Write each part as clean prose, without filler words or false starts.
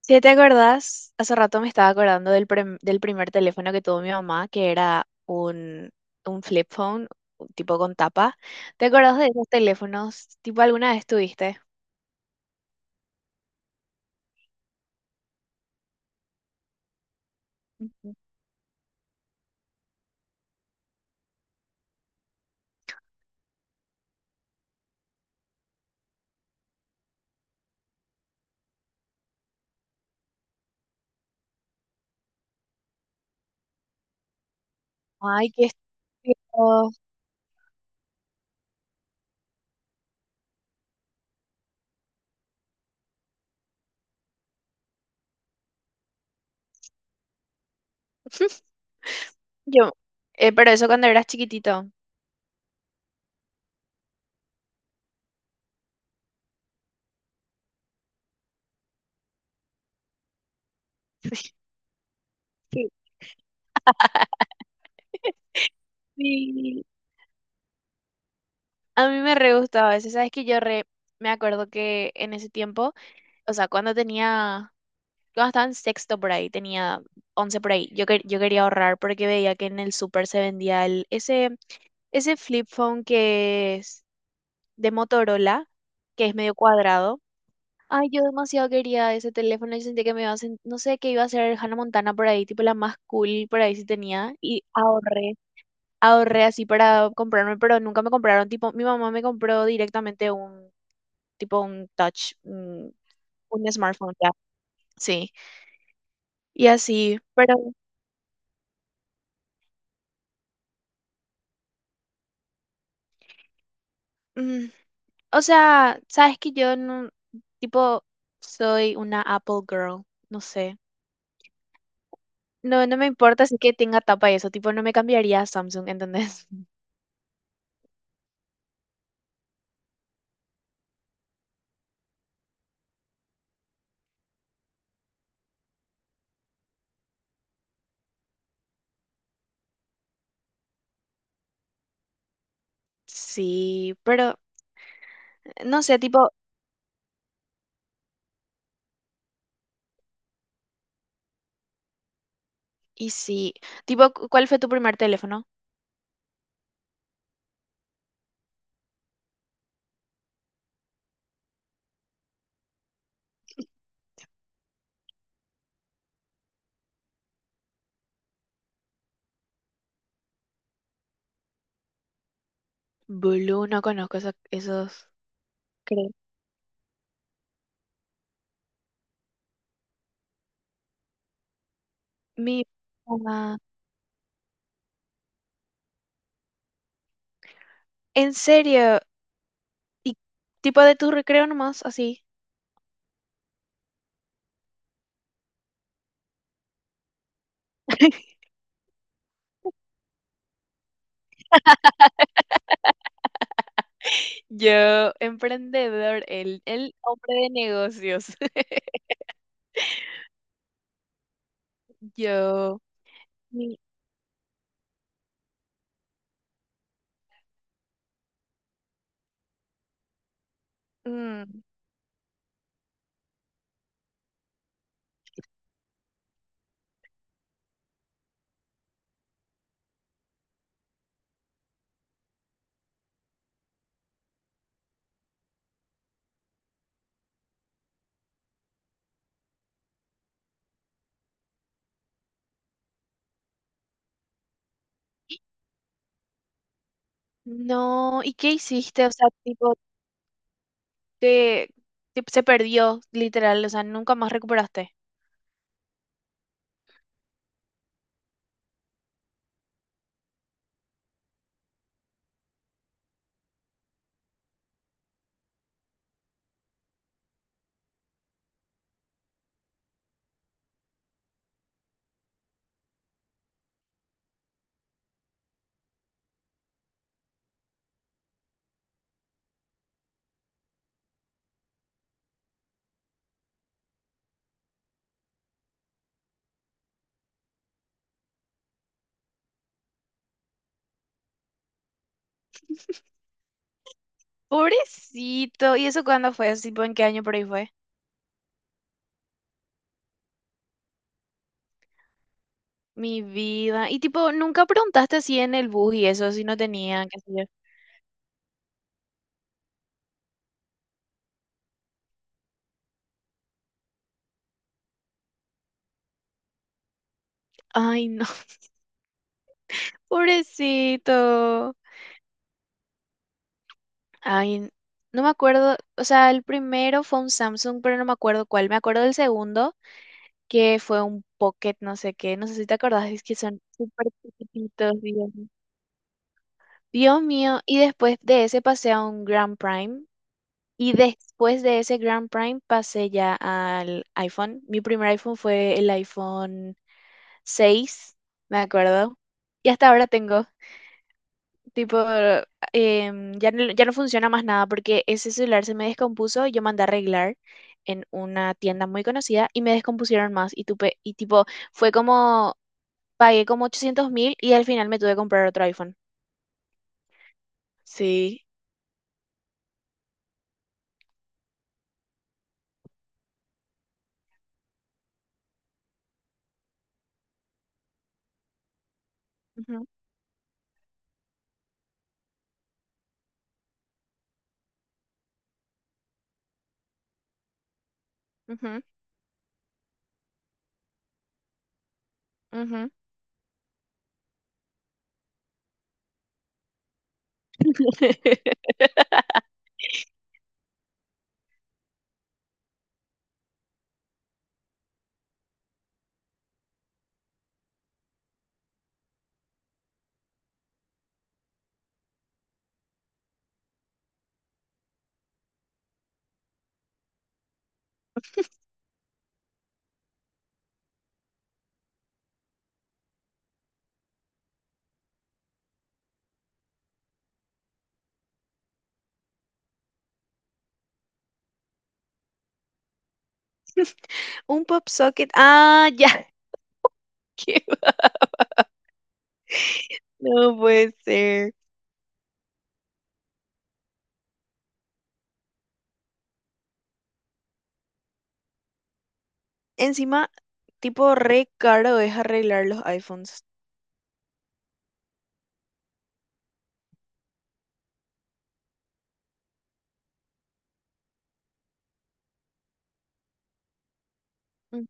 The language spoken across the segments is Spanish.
Si te acordás, hace rato me estaba acordando del primer teléfono que tuvo mi mamá, que era un flip phone, un tipo con tapa. ¿Te acordás de esos teléfonos? ¿Tipo alguna vez tuviste? Ujú. Ay, qué estúpido. Yo, pero eso cuando eras chiquitito. Sí. Sí, a mí me re gustaba eso. Sabes que me acuerdo que en ese tiempo, o sea, cuando tenía Yo cuando estaba en sexto por ahí, tenía 11 por ahí. Yo quería ahorrar porque veía que en el súper se vendía ese flip phone que es de Motorola, que es medio cuadrado. Ay, yo demasiado quería ese teléfono. Yo sentía que me iba a no sé, qué iba a ser Hannah Montana por ahí, tipo la más cool por ahí sí tenía. Y ahorré así para comprarme, pero nunca me compraron. Tipo, mi mamá me compró directamente tipo un touch, un smartphone ya. Sí, y así, pero... ujú. O sea, sabes que yo no, tipo, soy una Apple girl, no sé. No, no me importa si que tenga tapa y eso, tipo, no me cambiaría a Samsung, ¿entendés? Sí, pero no sé, tipo, y sí. Tipo, ¿cuál fue tu primer teléfono? Blue, no conozco esos. Creo. Mi mamá. ¿En serio? ¿Y tipo de tu recreo nomás, así? Yo, emprendedor, el hombre de negocios. Yo, mi- mm, No, ¿y qué hiciste? O sea, tipo, te, se perdió, literal, o sea, nunca más recuperaste. Pobrecito, ¿y eso cuándo fue? Así, ¿tipo en qué año por ahí fue? Mi vida. Y tipo, nunca preguntaste así en el bus y eso, si no tenía, qué sé yo. Ay, no, pobrecito. Ay, no me acuerdo, o sea, el primero fue un Samsung, pero no me acuerdo cuál. Me acuerdo del segundo, que fue un Pocket, no sé qué, no sé si te acordás, es que son súper chiquititos, digamos. Dios mío, y después de ese pasé a un Grand Prime y después de ese Grand Prime pasé ya al iPhone. Mi primer iPhone fue el iPhone 6, me acuerdo. Y hasta ahora tengo, tipo, ya no, ya no funciona más nada porque ese celular se me descompuso y yo mandé a arreglar en una tienda muy conocida y me descompusieron más y tipo, fue como, pagué como 800.000 y al final me tuve que comprar otro iPhone. Sí. Ujú, ujú, ujú. Un pop socket. Ah, ya. Qué- No puede ser. Encima, tipo, re caro es arreglar los iPhones. Ujú.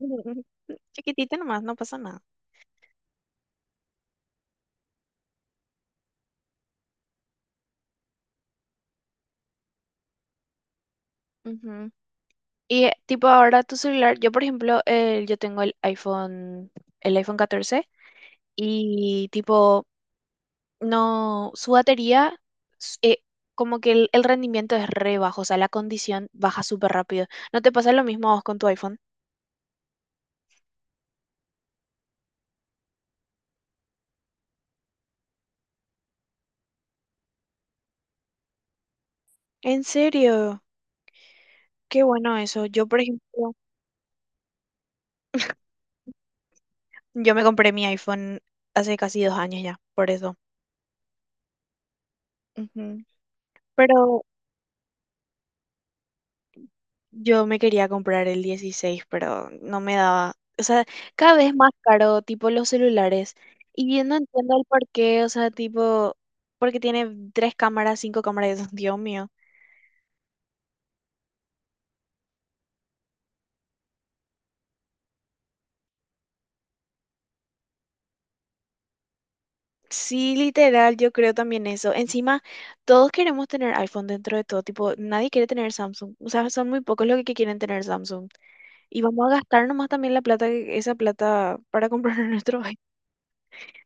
Chiquitito nomás, no pasa nada. Ujú. Y tipo ahora tu celular, yo por ejemplo, yo tengo el iPhone 14 y tipo, no, su batería, s- eh, como que el rendimiento es re bajo, o sea, la condición baja súper rápido. ¿No te pasa lo mismo a vos con tu iPhone? ¿En serio? Qué bueno eso. Yo, por ejemplo, yo me compré mi iPhone hace casi 2 años ya, por eso. Ujú. Pero yo me quería comprar el 16, pero no me daba. O sea, cada vez más caro, tipo los celulares. Y yo no entiendo el por qué, o sea, tipo, porque tiene tres cámaras, cinco cámaras, Dios mío. Sí, literal, yo creo también eso. Encima, todos queremos tener iPhone dentro de todo, tipo, nadie quiere tener Samsung. O sea, son muy pocos los que quieren tener Samsung. Y vamos a gastar nomás también la plata, esa plata para comprar nuestro... Ay,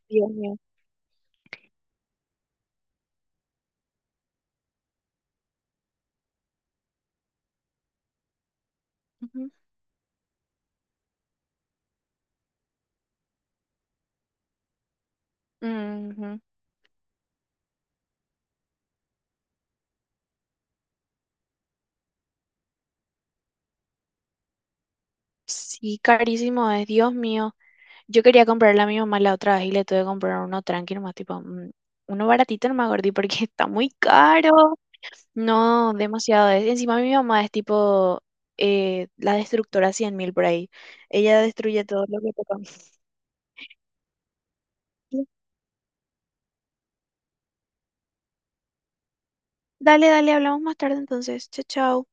Dios mío. Ujú. Ujú. Sí, carísimo es, Dios mío. Yo quería comprarle a mi mamá la otra vez y le tuve que comprar uno tranqui nomás, tipo, uno baratito nomás, gordi, porque está muy caro. No, demasiado es. Encima mi mamá es tipo la destructora 100.000 por ahí. Ella destruye todo lo que toca. Dale, dale, hablamos más tarde entonces. Chao, chao.